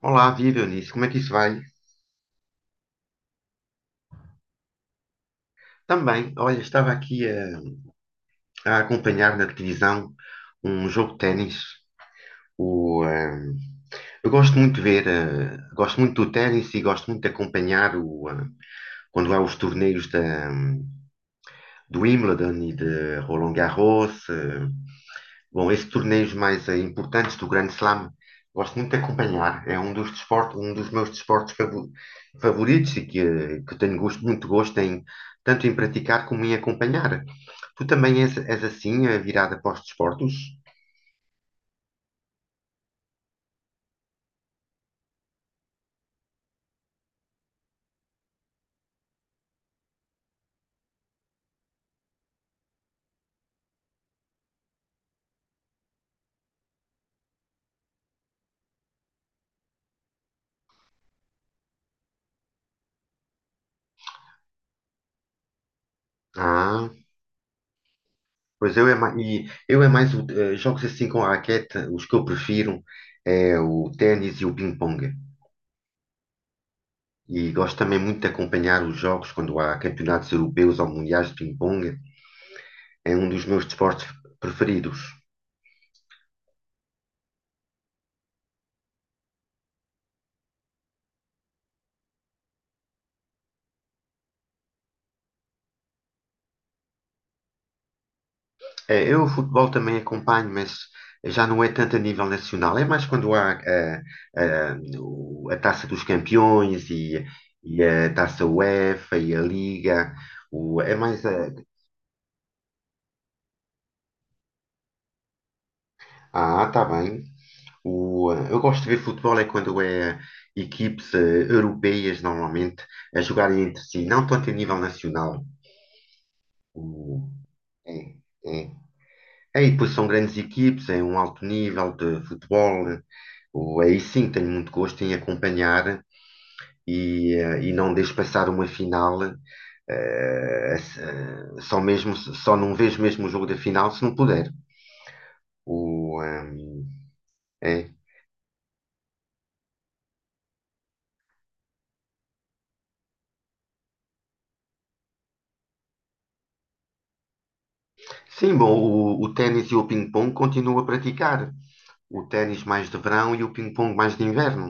Olá, viva Eunice, como é que isso vai? Também, olha, estava aqui a acompanhar na televisão um jogo de ténis. O, eh, eu gosto muito de ver, eh, gosto muito do ténis e gosto muito de acompanhar quando há os torneios do Wimbledon e de Roland Garros. Bom, esses torneios mais importantes do Grande Slam, gosto muito de acompanhar. É um dos desportos, um dos meus desportos favoritos e que tenho gosto, muito gosto em tanto em praticar como em acompanhar. Tu também és assim, virada para os desportos? Ah, pois eu é mais, jogos assim com a raquete, os que eu prefiro é o ténis e o ping-pong. E gosto também muito de acompanhar os jogos quando há campeonatos europeus ou mundiais de ping-pong. É um dos meus desportos preferidos. Eu o futebol também acompanho, mas já não é tanto a nível nacional. É mais quando há Taça dos Campeões e a Taça UEFA e a Liga. É mais a... Ah, está bem. Eu gosto de ver futebol é quando é equipes europeias, normalmente, a jogarem entre si, não tanto a nível nacional. O, é, é. É, e depois são grandes equipes, é um alto nível de futebol. Aí sim, tenho muito gosto em acompanhar e não deixo passar uma final, só não vejo mesmo o jogo da final se não puder. O, ehm, é. Sim, bom, o ténis e o ping-pong continuo a praticar. O ténis mais de verão e o ping-pong mais de inverno.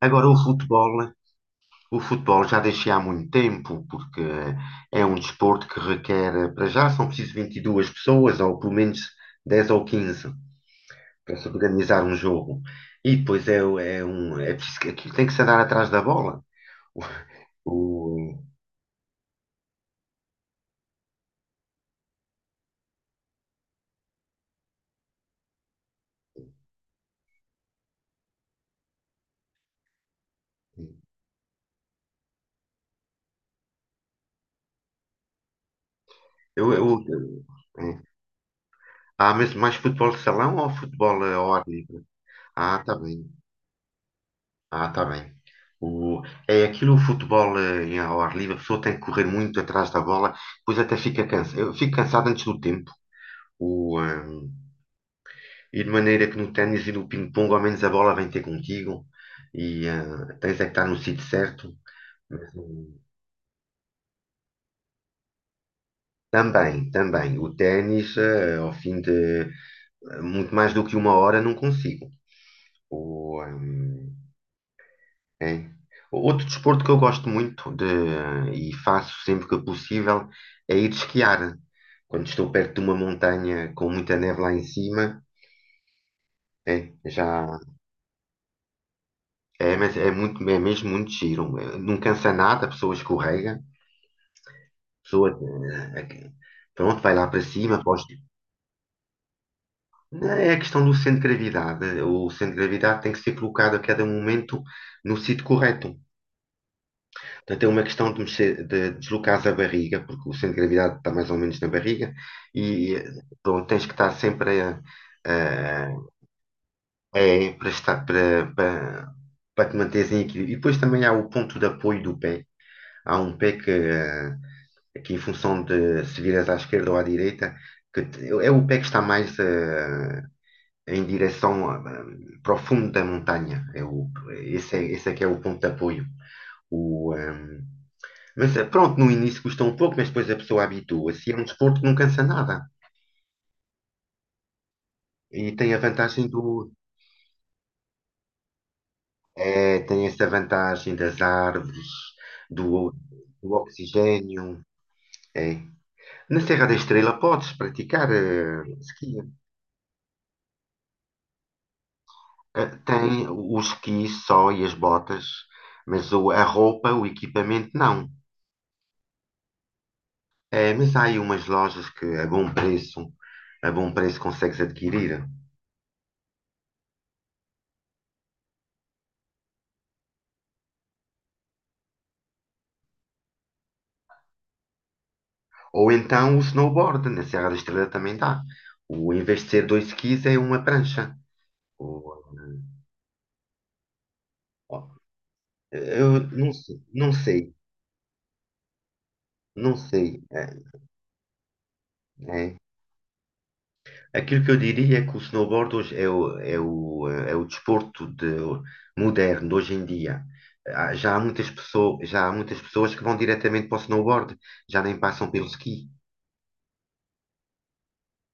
Agora o futebol já deixei há muito tempo, porque é um desporto que requer, para já, são preciso 22 pessoas, ou pelo menos 10 ou 15 para se organizar um jogo. E depois é um. Aquilo tem que se andar atrás da bola. O, eu- é. Há mesmo mais futebol de salão ou futebol ao ar livre? Ah, tá bem. Ah, tá bem. O, é aquilo, o futebol em ao ar livre, a pessoa tem que correr muito atrás da bola, depois até fica cansa, eu fico cansado antes do tempo. O, ehm, e de maneira que no ténis e no ping-pong, ao menos a bola vem ter contigo e tens é que estar no sítio certo. Mas, Também, também. O ténis, ao fim de muito mais do que uma hora, não consigo. Ou, hum, é. Outro desporto que eu gosto muito de, e faço sempre que possível é ir esquiar. Quando estou perto de uma montanha com muita neve lá em cima, é, já mas é mesmo muito giro. Não cansa nada, a pessoa escorrega, pessoa, eh, pronto, vai lá para cima. Não, é a questão do centro de gravidade. O centro de gravidade tem que ser colocado a cada momento no sítio correto. Portanto, é uma questão de, mexer, de deslocares a barriga, porque o centro de gravidade está mais ou menos na barriga, e pronto, tens que estar sempre a- é, para, estar, para, para, para te manteres em equilíbrio. E depois também há o ponto de apoio do pé. Há um pé que em função de se viras à esquerda ou à direita, é o pé que está mais em direção para o fundo da montanha. Esse é que é o ponto de apoio. O, um, mas eh, pronto, no início custa um pouco, mas depois a pessoa habitua-se. É um desporto que não cansa nada. E tem a vantagem do. É, tem essa vantagem das árvores, do, do oxigênio. É. Na Serra da Estrela podes praticar esqui. Tem o esqui só e as botas, mas a roupa, o equipamento não. É, mas há aí umas lojas que a bom preço consegues adquirir. Ou então o snowboard, na Serra da Estrela também dá. Em vez de ser dois skis, é uma prancha. O- ó, eu não sei, não sei, não sei. É, é. Aquilo que eu diria é que o snowboard hoje é o desporto moderno, hoje em dia. Já há muitas pessoas que vão diretamente para o snowboard, já nem passam pelo ski.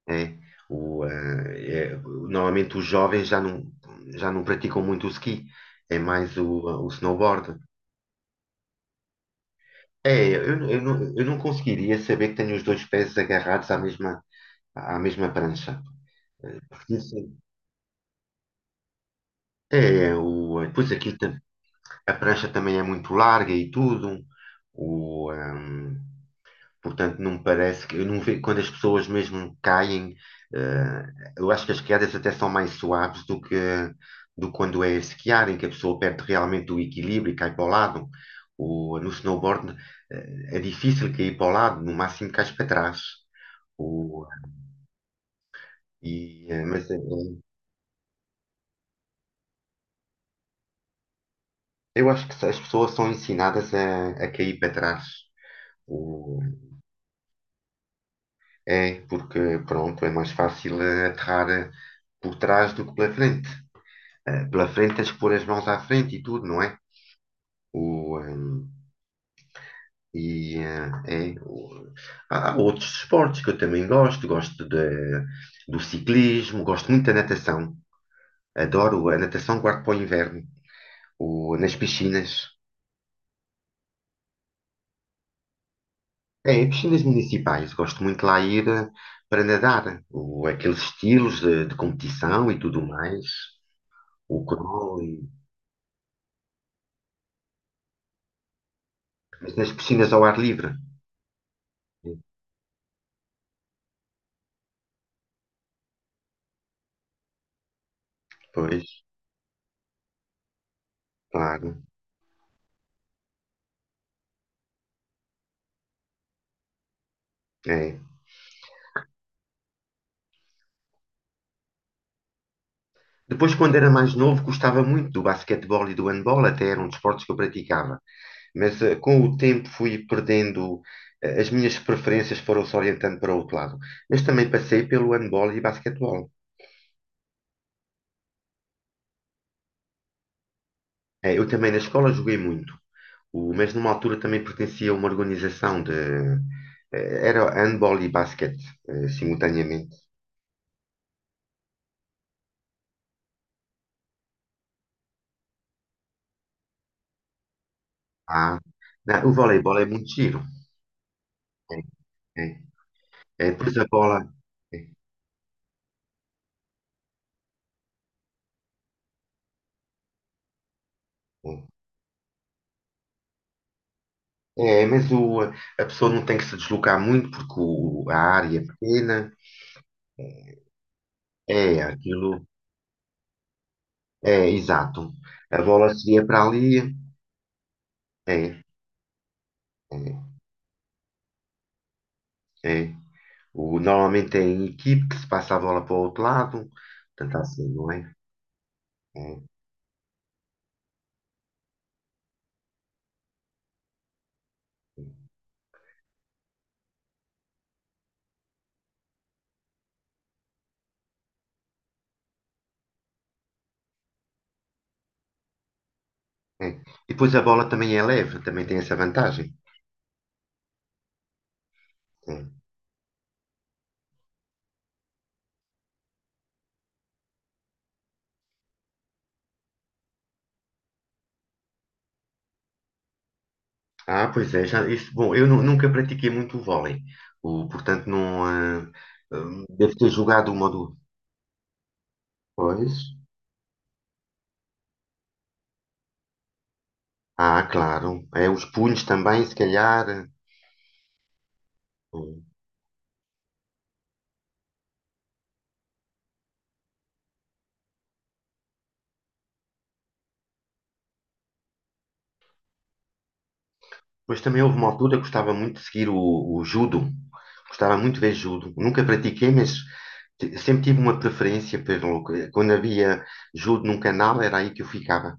Né? Normalmente os jovens já não praticam muito o ski, é mais o snowboard. É, eu não conseguiria saber que tenho os dois pés agarrados à mesma prancha. Porque isso é o, depois aquilo, tam- a prancha também é muito larga e tudo. O, ehm, Portanto, não me parece que eu não vejo quando as pessoas mesmo caem, eh, eu acho que as quedas até são mais suaves do que quando é esquiar, em que a pessoa perde realmente o equilíbrio e cai para o lado. No snowboard, é difícil cair para o lado, no máximo cais para trás. O, mas eu acho que as pessoas são ensinadas a cair para trás. O, é porque, pronto, é mais fácil aterrar por trás do que pela frente. Pela frente, tens que pôr as mãos à frente e tudo, não é? O, e eh, é, o- há há outros esportes que eu também do ciclismo, gosto muito da natação, adoro a natação, guardo para o inverno, o, nas piscinas, é, em piscinas municipais, gosto muito lá ir para nadar, aqueles estilos de competição e tudo mais, o crawl, mas nas piscinas ao ar livre, pois, claro, é. Depois, quando era mais novo, gostava muito do basquetebol e do handball, até eram desportos que eu praticava. Mas com o tempo fui perdendo, as minhas preferências foram-se orientando para outro lado. Mas também passei pelo handball e basquetebol. Eu também na escola joguei muito. Mas numa altura também pertencia a uma organização de. Era handball e basquete, simultaneamente. Ah, não, o voleibol é muito giro. É, é, é, pois a bola. É, é. É, mas a pessoa não tem que se deslocar muito porque a área é pequena. É, aquilo. É, exato. A bola seria para ali. É, é, é. Normalmente é em equipe que se passa a bola para o outro lado. Portanto, assim, não é? É, é. E depois a bola também é leve, também tem essa vantagem. É. Ah, pois é, já, isso, bom, eu nunca pratiquei muito o vôlei. Portanto, não. Deve ter jogado uma ou duas. Pois. Ah, claro. É, os punhos também, se calhar. Mas também houve uma altura que gostava muito de seguir o judo. Gostava muito de ver judo. Nunca pratiquei, mas sempre tive uma preferência pelo. Quando havia judo num canal, era aí que eu ficava.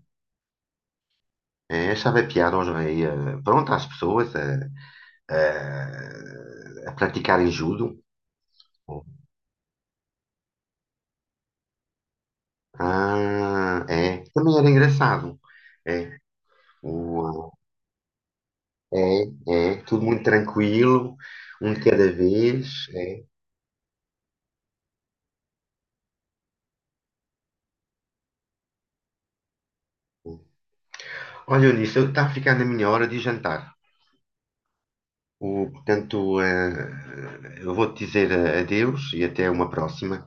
É, achava piada pronto, às pessoas a praticarem judo. Ah, é. Também era engraçado. É. É, é, tudo muito tranquilo, um de cada vez. É. Olha, Eunice, está a ficar na minha hora de jantar. Portanto, eu vou-te dizer adeus e até uma próxima.